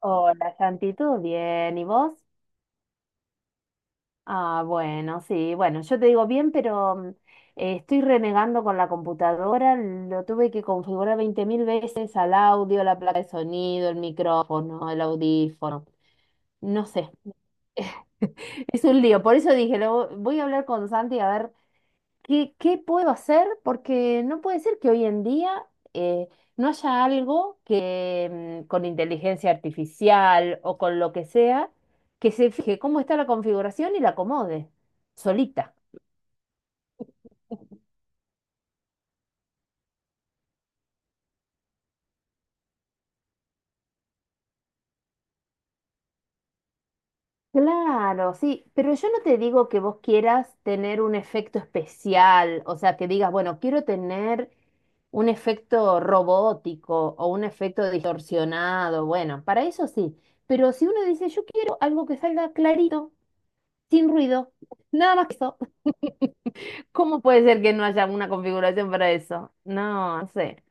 Hola, Santi, ¿tú bien? ¿Y vos? Ah, bueno, sí, bueno, yo te digo bien, pero estoy renegando con la computadora, lo tuve que configurar 20.000 veces al audio, la placa de sonido, el micrófono, el audífono, no sé, es un lío, por eso dije, voy a hablar con Santi a ver. ¿Qué, qué puedo hacer? Porque no puede ser que hoy en día, eh, no haya algo que, con inteligencia artificial o con lo que sea, que se fije cómo está la configuración y la acomode solita. Claro, sí, pero yo no te digo que vos quieras tener un efecto especial, o sea, que digas, bueno, quiero tener un efecto robótico o un efecto distorsionado, bueno, para eso sí, pero si uno dice, yo quiero algo que salga clarito sin ruido, nada más que eso. ¿Cómo puede ser que no haya una configuración para eso? No, no sé.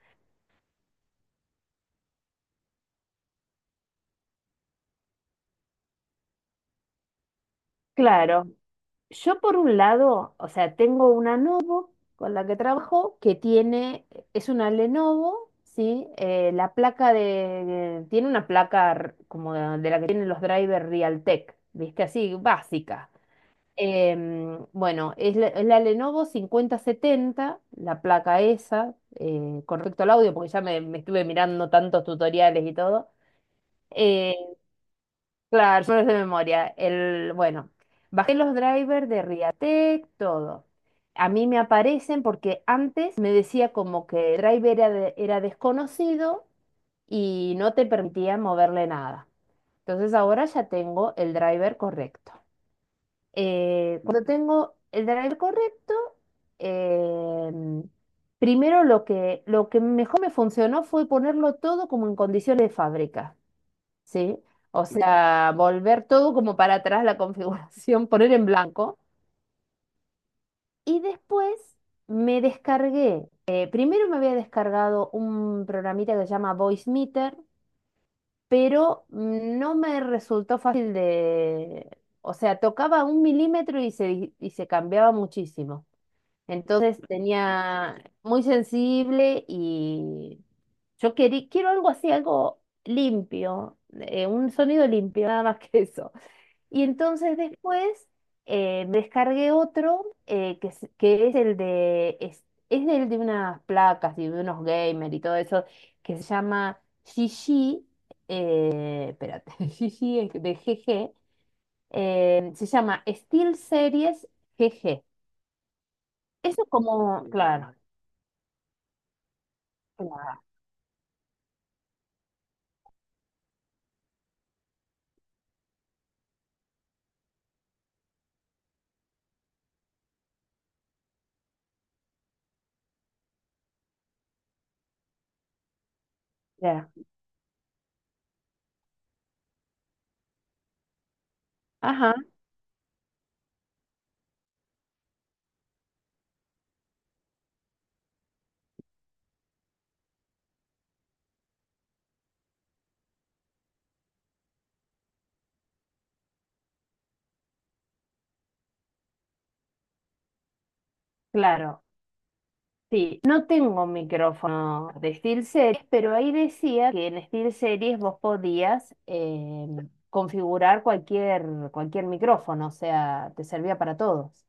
Claro, yo por un lado, o sea, tengo una Lenovo con la que trabajo que tiene, es una Lenovo, ¿sí? La placa de, tiene una como de la que tienen los drivers Realtek, ¿viste? Así, básica. Bueno, es es la Lenovo 5070, la placa esa, con respecto al audio, porque ya me estuve mirando tantos tutoriales y todo. Eh, claro, yo no es de memoria. El, bueno, bajé los drivers de Riatec, todo. A mí me aparecen porque antes me decía como que el driver era, era desconocido y no te permitía moverle nada. Entonces ahora ya tengo el driver correcto. Cuando tengo el driver correcto, eh, primero lo lo que mejor me funcionó fue ponerlo todo como en condiciones de fábrica, ¿sí? O sea, volver todo como para atrás la configuración, poner en blanco. Y después me descargué. Primero me había descargado un programita que se llama Voice Meter, pero no me resultó fácil de... O sea, tocaba un milímetro y se cambiaba muchísimo. Entonces tenía muy sensible y quiero algo así, algo limpio, un sonido limpio, nada más que eso. Y entonces después, me descargué otro, que es es del de unas placas y de unos gamers y todo eso, que se llama Gigi, espérate, Gigi es de GG, se llama Steel Series GG. Eso es como, claro. Claro, ya. Ajá, claro. Sí, no tengo micrófono de SteelSeries, pero ahí decía que en SteelSeries vos podías, configurar cualquier micrófono, o sea, te servía para todos.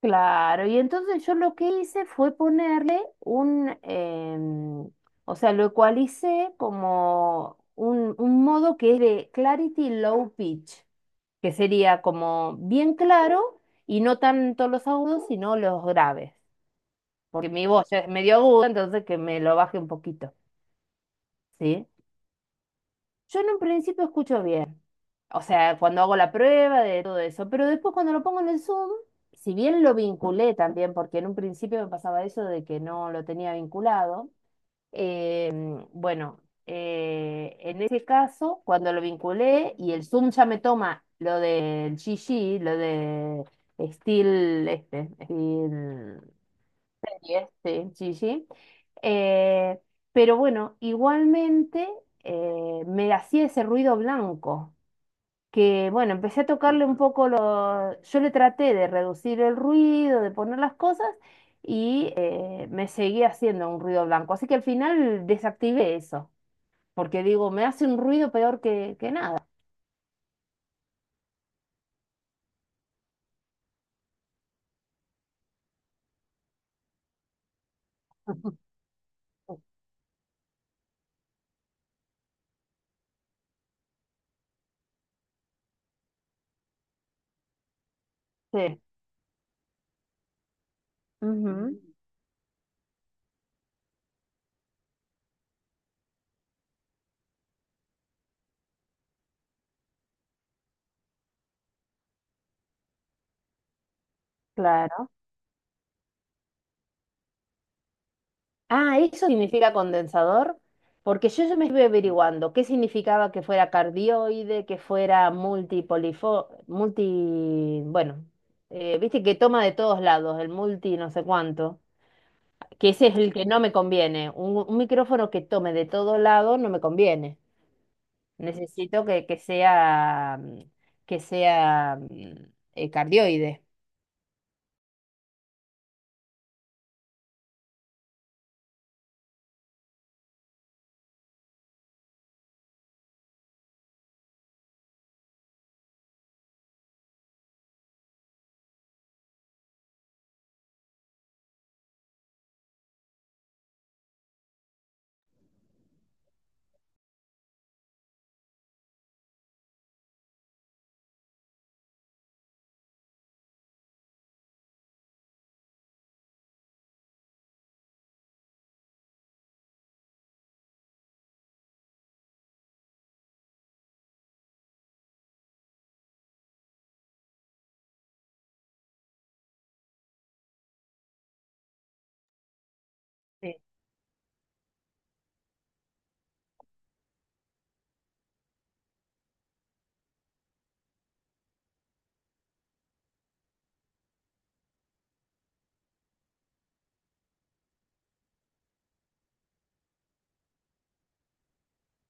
Claro, y entonces yo lo que hice fue ponerle o sea, lo ecualicé como un modo que es de Clarity Low Pitch, que sería como bien claro y no tanto los agudos, sino los graves, porque mi voz ya es medio aguda, entonces que me lo baje un poquito, ¿sí? Yo en un principio escucho bien, o sea, cuando hago la prueba de todo eso, pero después cuando lo pongo en el Zoom, si bien lo vinculé también, porque en un principio me pasaba eso de que no lo tenía vinculado. Bueno, en ese caso, cuando lo vinculé y el Zoom ya me toma lo del GG, lo de Steel Series, sí, GG. eh, pero bueno, igualmente, me hacía ese ruido blanco que, bueno, empecé a tocarle un poco lo... Yo le traté de reducir el ruido, de poner las cosas y, me seguía haciendo un ruido blanco. Así que al final desactivé eso, porque digo, me hace un ruido peor que nada. Sí. Ujú, claro. Ah, eso significa condensador, porque yo ya me estuve averiguando qué significaba que fuera cardioide, que fuera bueno, viste que toma de todos lados, el multi no sé cuánto, que ese es el que no me conviene. Un micrófono que tome de todos lados no me conviene. Necesito que sea, que sea, cardioide.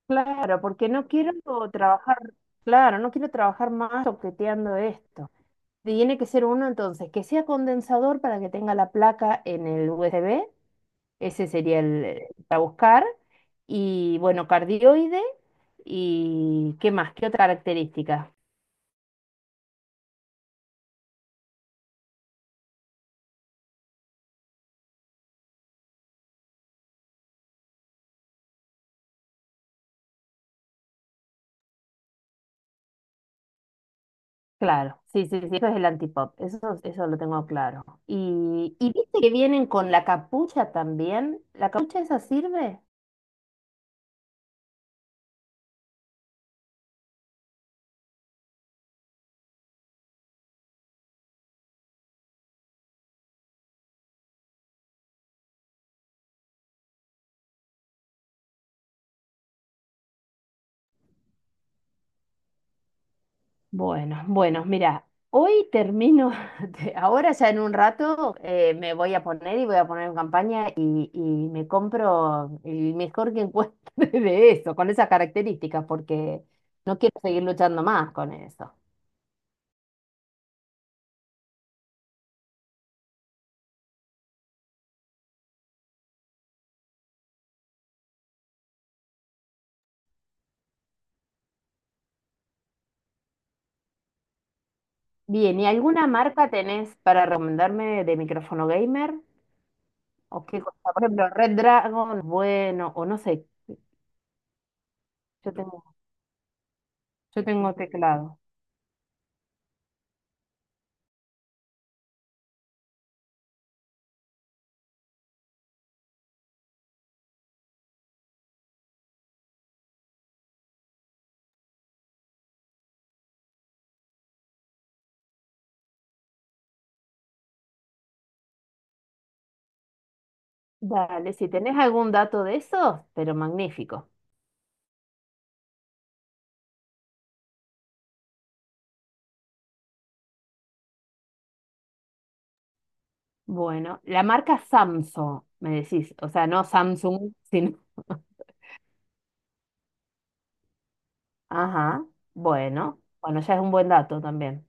Claro, porque no quiero trabajar, claro, no quiero trabajar más toqueteando esto. Tiene que ser uno entonces que sea condensador para que tenga la placa en el USB, ese sería el, para buscar, y bueno, cardioide, y ¿qué más? ¿Qué otra característica? Claro, sí, sí, sí, eso es el antipop, eso lo tengo claro. Y viste que vienen con la capucha también, ¿la capucha esa sirve? Bueno, bueno, mira, hoy termino, ahora ya en un rato, me voy a poner y voy a poner en campaña y me compro el mejor que encuentre de eso, con esas características, porque no quiero seguir luchando más con eso. Bien, ¿y alguna marca tenés para recomendarme de micrófono gamer? ¿O qué cosa? Por ejemplo, Red Dragon, bueno, o no sé, yo tengo, yo tengo teclado. Dale, si tenés algún dato de eso, pero magnífico. Bueno, la marca Samsung, me decís, o sea, no Samsung, sino... Ajá, bueno, bueno, ya es un buen dato también,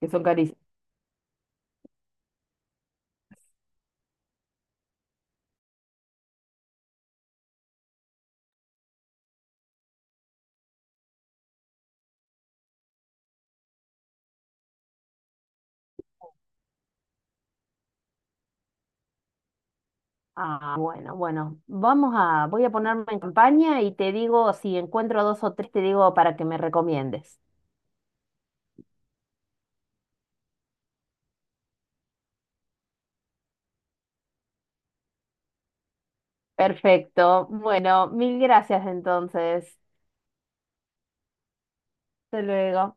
que son carísimos. Ah, bueno, bueno, vamos a, voy a ponerme en campaña y te digo, si encuentro dos o tres, te digo para que me recomiendes. Perfecto, bueno, mil gracias entonces. Hasta luego.